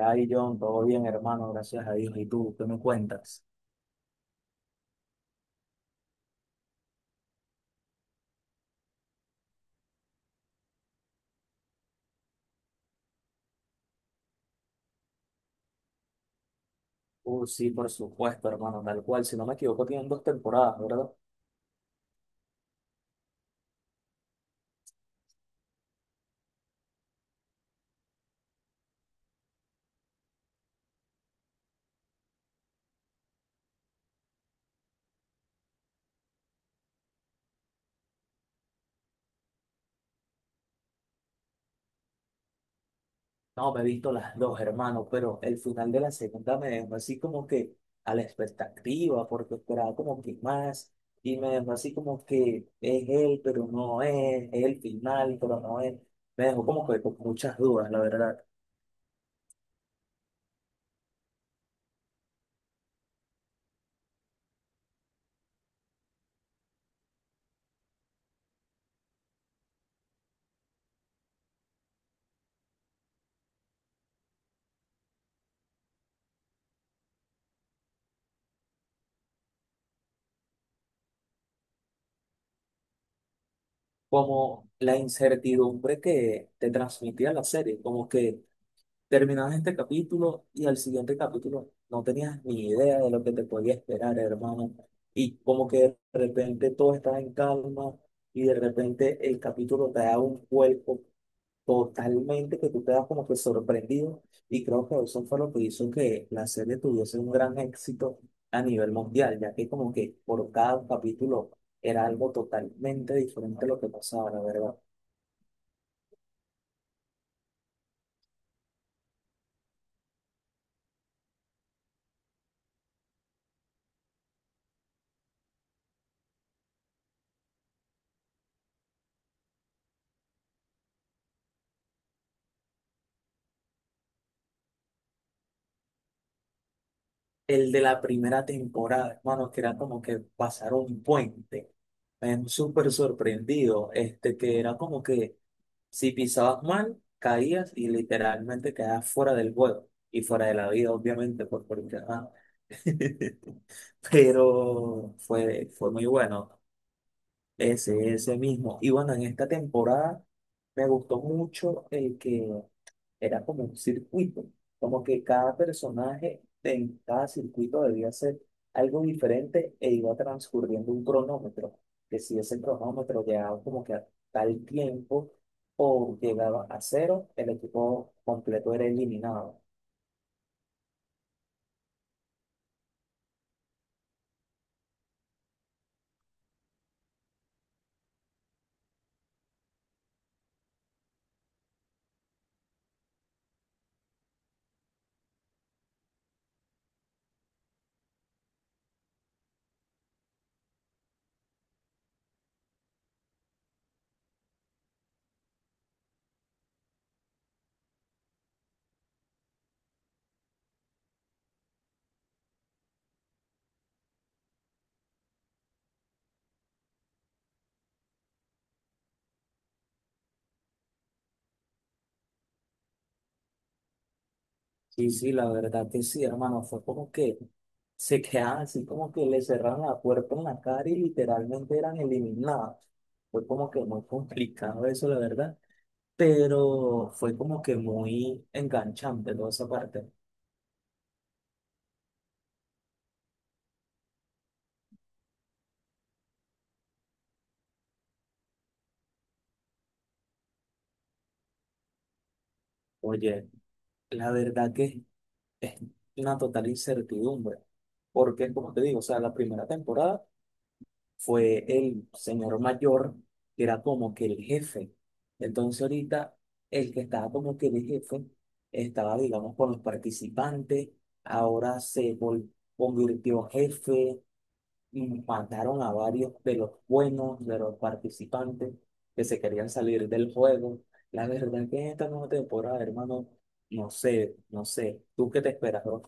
Ay, John, todo bien, hermano, gracias a Dios. ¿Y tú, qué me cuentas? Sí, por supuesto, hermano, tal cual. Si no me equivoco, tienen dos temporadas, ¿verdad? No, me he visto las dos, hermano, pero el final de la segunda me dejó así como que a la expectativa, porque esperaba como que más, y me dejó así como que es él, pero no es, es el final, pero no es. Me dejó como que con muchas dudas, la verdad. Como la incertidumbre que te transmitía la serie, como que. Terminabas este capítulo y al siguiente capítulo no tenías ni idea de lo que te podía esperar, hermano. Y como que de repente todo estaba en calma y de repente el capítulo te da un cuerpo totalmente que tú te das como que sorprendido. Y creo que eso fue lo que hizo que la serie tuviese un gran éxito a nivel mundial, ya que como que por cada capítulo era algo totalmente diferente a lo que pasaba, la verdad. El de la primera temporada, hermano, que era como que pasar un puente. Me súper sorprendido, este, que era como que si pisabas mal, caías y literalmente quedabas fuera del juego y fuera de la vida, obviamente, porque... ah. Pero fue, fue muy bueno ese mismo. Y bueno, en esta temporada me gustó mucho el que era como un circuito, como que cada personaje en cada circuito debía hacer algo diferente e iba transcurriendo un cronómetro, que si ese cronómetro llegaba como que a tal tiempo o llegaba a cero, el equipo completo era eliminado. Sí, sí, la verdad que sí, hermano, fue como que se quedaban así como que le cerraron la puerta en la cara y literalmente eran eliminados. Fue como que muy complicado eso, la verdad. Pero fue como que muy enganchante toda esa parte. Oye, la verdad que es una total incertidumbre, porque como te digo, o sea, la primera temporada fue el señor mayor que era como que el jefe. Entonces ahorita el que estaba como que el jefe estaba, digamos, con los participantes, ahora convirtió jefe, y mataron a varios de los buenos, de los participantes que se querían salir del juego. La verdad que en esta nueva temporada, hermano, no sé, no sé, ¿tú qué te esperas, bro?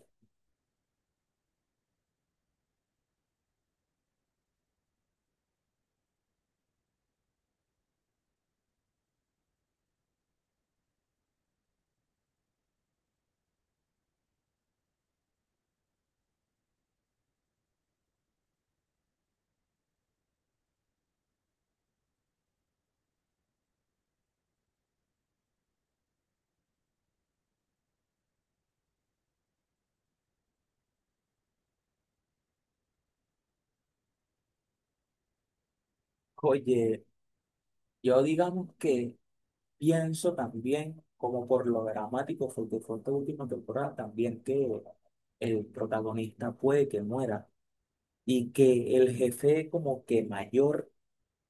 Oye, yo digamos que pienso también, como por lo dramático fue que fue esta última temporada, también que el protagonista puede que muera y que el jefe como que mayor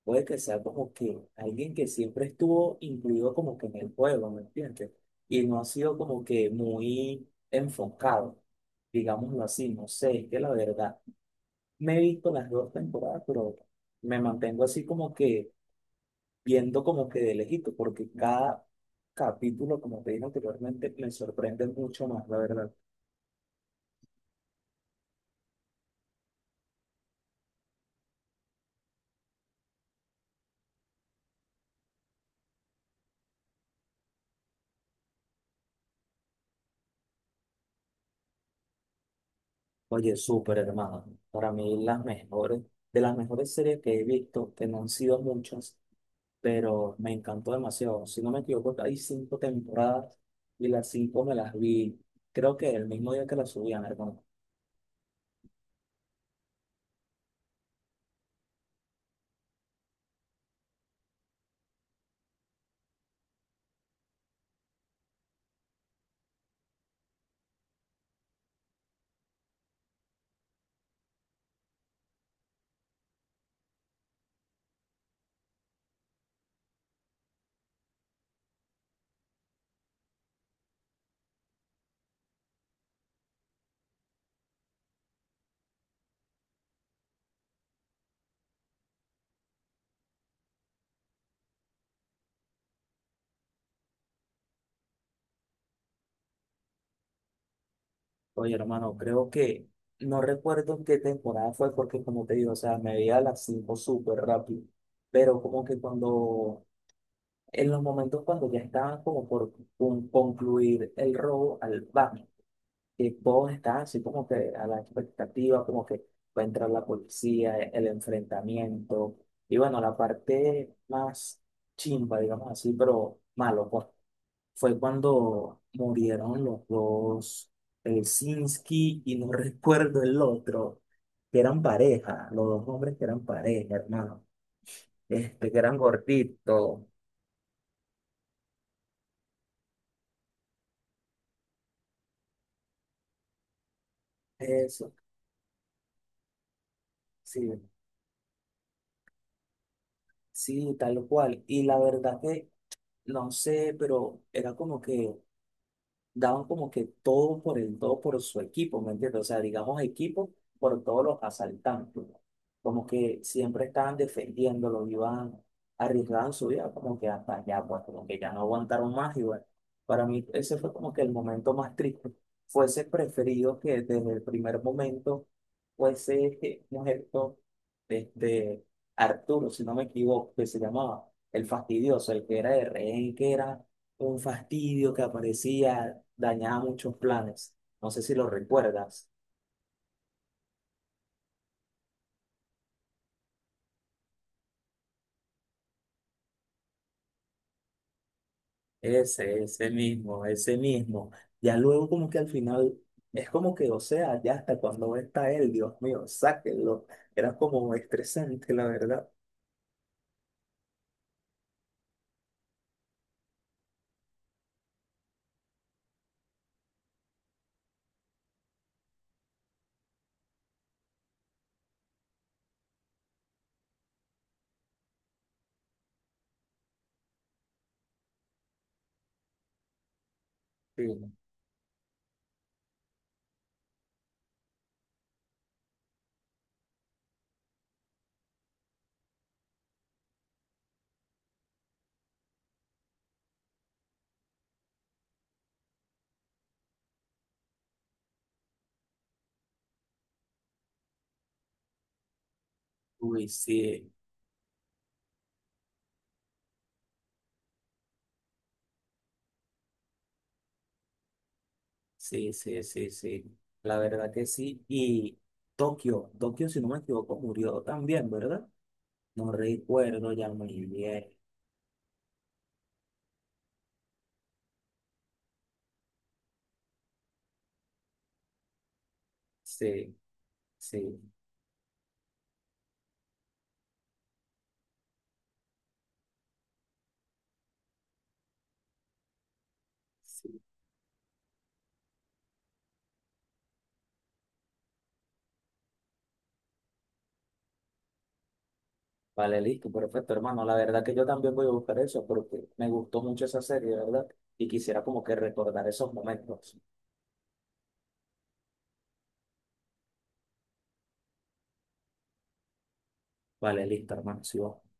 puede que sea como que alguien que siempre estuvo incluido como que en el juego, ¿me entiendes? Y no ha sido como que muy enfocado, digámoslo así, no sé, es que la verdad, me he visto las dos temporadas, pero me mantengo así como que viendo como que de lejito, porque cada capítulo, como te dije anteriormente, me sorprende mucho más, la verdad. Oye, súper hermano. Para mí las mejores, de las mejores series que he visto, que no han sido muchas, pero me encantó demasiado. Si no me equivoco, hay cinco temporadas y las cinco me las vi, creo que el mismo día que las subían, hermano. Oye, hermano, creo que no recuerdo qué temporada fue porque, como te digo, o sea, me veía las cinco súper rápido, pero como que cuando, en los momentos cuando ya estaban como por concluir el robo al banco. Y todos están así como que a la expectativa, como que va a entrar la policía, el enfrentamiento. Y bueno, la parte más chimba, digamos así, pero malo, pues, fue cuando murieron los dos, el Sinski y no recuerdo el otro, que eran pareja, los dos hombres que eran pareja, hermano, este, que eran gorditos. Eso, sí, sí, tal cual. Y la verdad que, no sé, pero era como que daban como que todo por el, todo por su equipo, ¿me entiendes? O sea, digamos equipo por todos los asaltantes. Como que siempre estaban defendiéndolo, iban, arriesgaban su vida, como que hasta allá, pues como que ya no aguantaron más y bueno, para mí ese fue como que el momento más triste. Fuese preferido que desde el primer momento fuese este muerto, este Arturo, si no me equivoco, que se llamaba el fastidioso, el que era de rehén, que era un fastidio que aparecía, dañaba muchos planes. No sé si lo recuerdas. Ese mismo, ese mismo. Ya luego como que al final, es como que, o sea, ya hasta cuando está él, Dios mío, sáquenlo. Era como estresante, la verdad. Sí. Uy, sí, sí, sí, sí, sí. La verdad que sí. Y Tokio, Tokio, si no me equivoco, murió también, ¿verdad? No recuerdo ya muy bien. Sí, sí. Sí. Vale, listo, perfecto, hermano. La verdad que yo también voy a buscar eso porque me gustó mucho esa serie, ¿verdad? Y quisiera como que recordar esos momentos. Vale, listo, hermano. Sí, vamos.